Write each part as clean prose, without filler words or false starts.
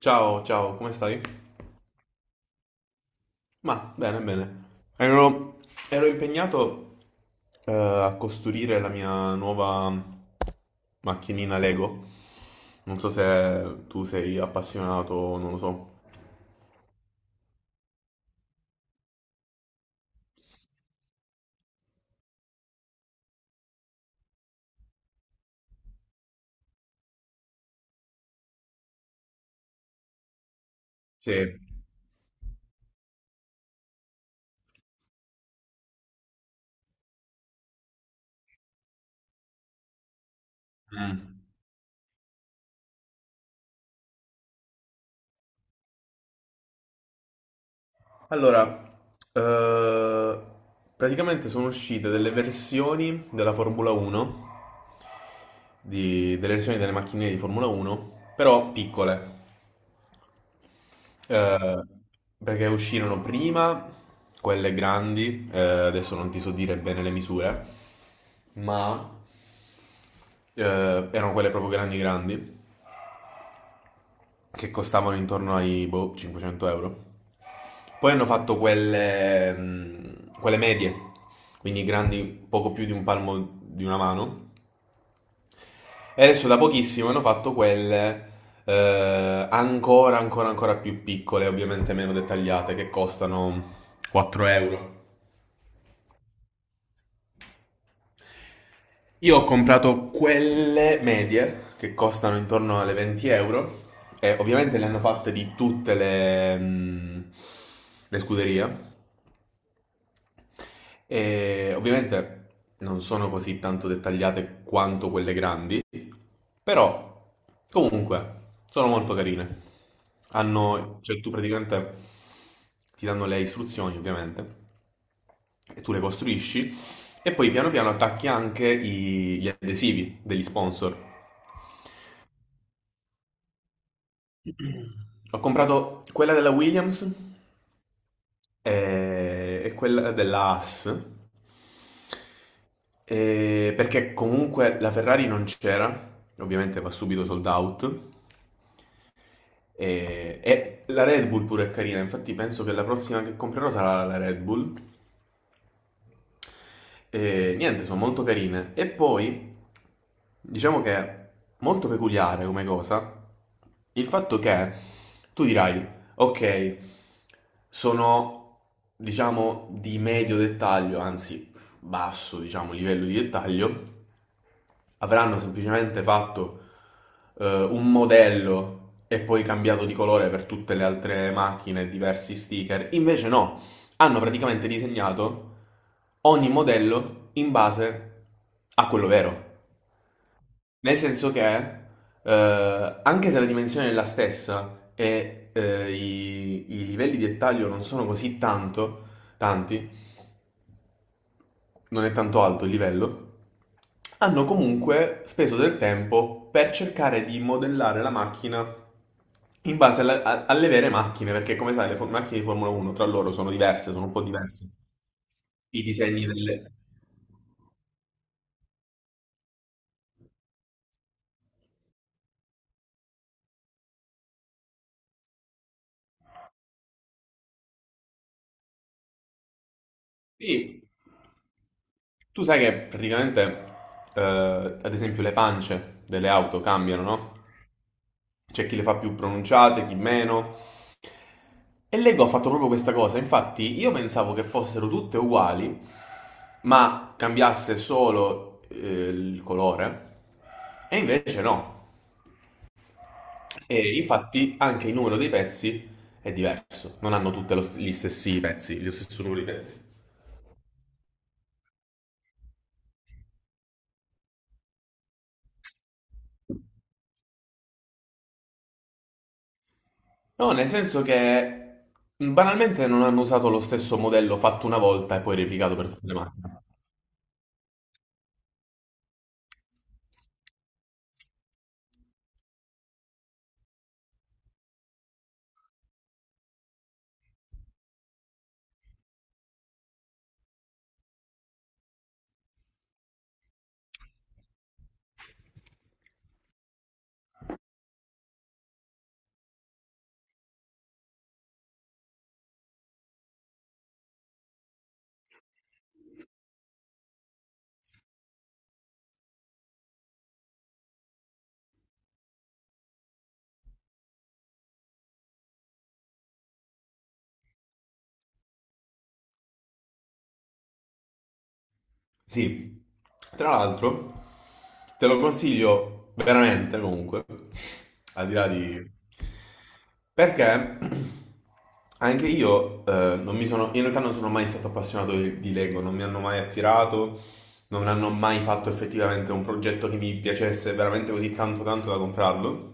Ciao, ciao, come stai? Ma bene, bene. Ero, ero impegnato a costruire la mia nuova macchinina Lego. Non so se tu sei appassionato, non lo so. Sì. Mm. Allora, eh, praticamente sono uscite delle versioni della Formula 1, delle versioni delle macchinine di Formula 1, però piccole. Eh, Perché uscirono prima quelle grandi, adesso non ti so dire bene le misure, ma eh, erano quelle proprio grandi grandi, che costavano intorno ai boh, 500 euro. Poi hanno fatto quelle medie, quindi grandi poco più di un palmo di una mano. E adesso da pochissimo hanno fatto quelle ancora più piccole, ovviamente meno dettagliate, che costano 4 euro. Io ho comprato quelle medie che costano intorno alle 20 euro e ovviamente le hanno fatte di tutte le scuderie e ovviamente non sono così tanto dettagliate quanto quelle grandi, però comunque sono molto carine. Cioè tu praticamente ti danno le istruzioni ovviamente e tu le costruisci e poi piano piano attacchi anche gli adesivi degli sponsor. Ho comprato quella della Williams e quella della Haas, perché comunque la Ferrari non c'era, ovviamente va subito sold out, e la Red Bull pure è carina, infatti penso che la prossima che comprerò sarà la Red Bull. E niente, sono molto carine. E poi, diciamo che è molto peculiare come cosa, il fatto che tu dirai, ok, sono, diciamo, di medio dettaglio, anzi basso, diciamo, livello di dettaglio, avranno semplicemente fatto un modello e poi cambiato di colore per tutte le altre macchine, diversi sticker. Invece no, hanno praticamente disegnato ogni modello in base a quello vero. Nel senso che, anche se la dimensione è la stessa e i livelli di dettaglio non sono così tanto, tanti, non è tanto alto il livello, hanno comunque speso del tempo per cercare di modellare la macchina in base alle vere macchine, perché come sai le macchine di Formula 1 tra loro sono diverse, sono un po' diverse. I disegni delle... Sì. Tu sai che praticamente, ad esempio, le pance delle auto cambiano, no? C'è chi le fa più pronunciate, chi meno. E Lego ha fatto proprio questa cosa, infatti io pensavo che fossero tutte uguali, ma cambiasse solo il colore, e invece no. E infatti anche il numero dei pezzi è diverso, non hanno tutti gli stessi pezzi, lo stesso numero di pezzi. No, nel senso che banalmente non hanno usato lo stesso modello fatto una volta e poi replicato per tutte le macchine. Sì, tra l'altro te lo consiglio veramente comunque, al di là di... Perché anche io non mi sono, in realtà non sono mai stato appassionato di Lego, non mi hanno mai attirato, non hanno mai fatto effettivamente un progetto che mi piacesse veramente così tanto tanto da comprarlo.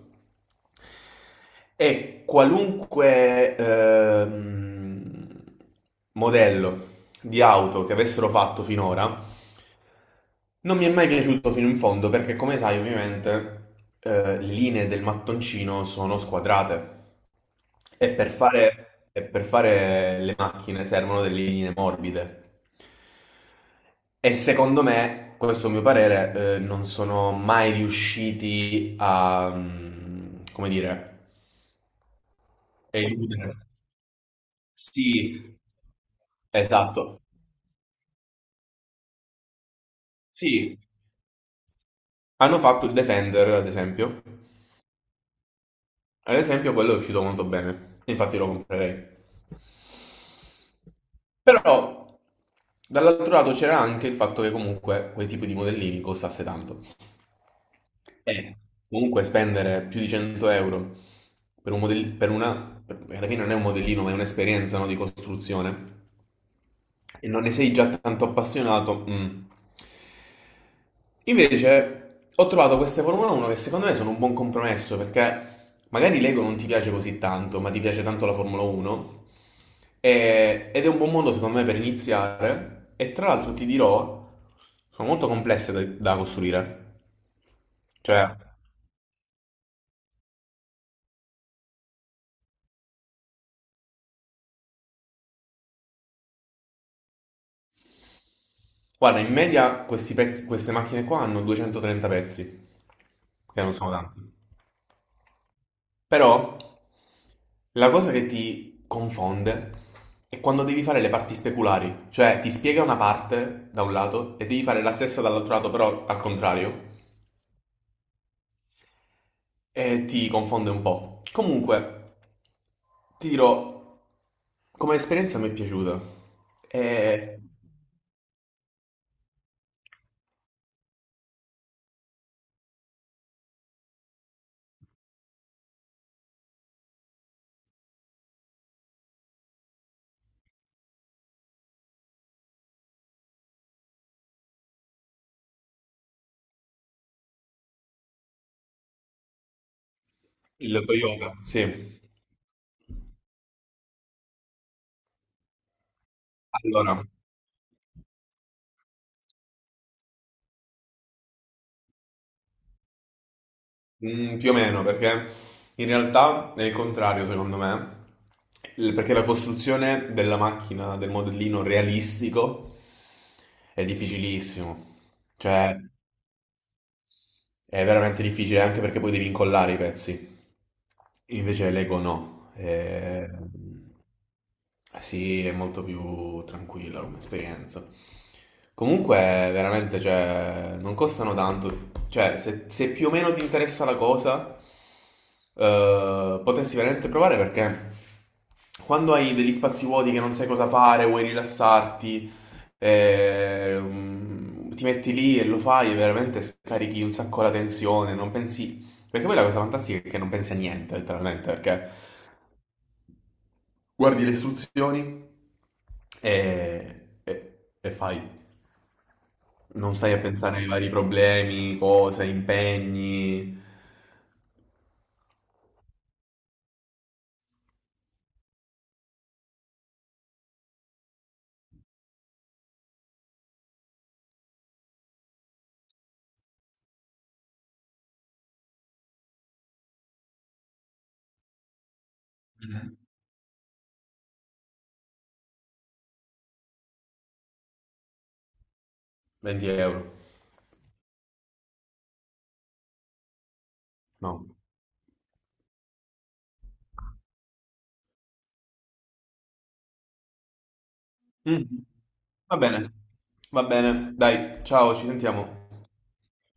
E qualunque modello di auto che avessero fatto finora, non mi è mai piaciuto fino in fondo perché, come sai, ovviamente, le linee del mattoncino sono squadrate e per fare le macchine servono delle linee morbide. E secondo me, questo è il mio parere, non sono mai riusciti a, come dire, eludere. Sì, esatto. Sì, hanno fatto il Defender, ad esempio. Ad esempio, quello è uscito molto bene. Infatti lo comprerei. Però dall'altro lato c'era anche il fatto che comunque quel tipo di modellini costasse tanto. E comunque spendere più di 100 euro per un modellino, per una, alla fine non è un modellino, ma è un'esperienza, no, di costruzione, e non ne sei già tanto appassionato. Mm. Invece ho trovato queste Formula 1 che secondo me sono un buon compromesso perché magari l'ego non ti piace così tanto, ma ti piace tanto la Formula 1 ed è un buon modo secondo me per iniziare e tra l'altro ti dirò, sono molto complesse da costruire. Cioè, guarda, in media questi queste macchine qua hanno 230 pezzi, che non sono tanti. Però la cosa che ti confonde è quando devi fare le parti speculari, cioè ti spiega una parte da un lato e devi fare la stessa dall'altro lato, però al contrario, e ti confonde un po'. Comunque, ti dirò, come esperienza mi è piaciuta. È il yoga, sì. Allora, più o meno, perché in realtà è il contrario, secondo me. Perché la costruzione della macchina, del modellino realistico è difficilissimo. Cioè, è veramente difficile anche perché poi devi incollare i pezzi. Invece Lego no. Sì, è molto più tranquilla come esperienza. Comunque, veramente, cioè, non costano tanto. Cioè, se più o meno ti interessa la cosa, potresti veramente provare perché quando hai degli spazi vuoti che non sai cosa fare, vuoi rilassarti, ti metti lì e lo fai e veramente scarichi un sacco la tensione, non pensi... Perché poi la cosa fantastica è che non pensi a niente, letteralmente, perché guardi le istruzioni e fai. Non stai a pensare ai vari problemi, cose, impegni. 20 euro. No. Mm. Va bene, va bene. Dai, ciao, ci sentiamo.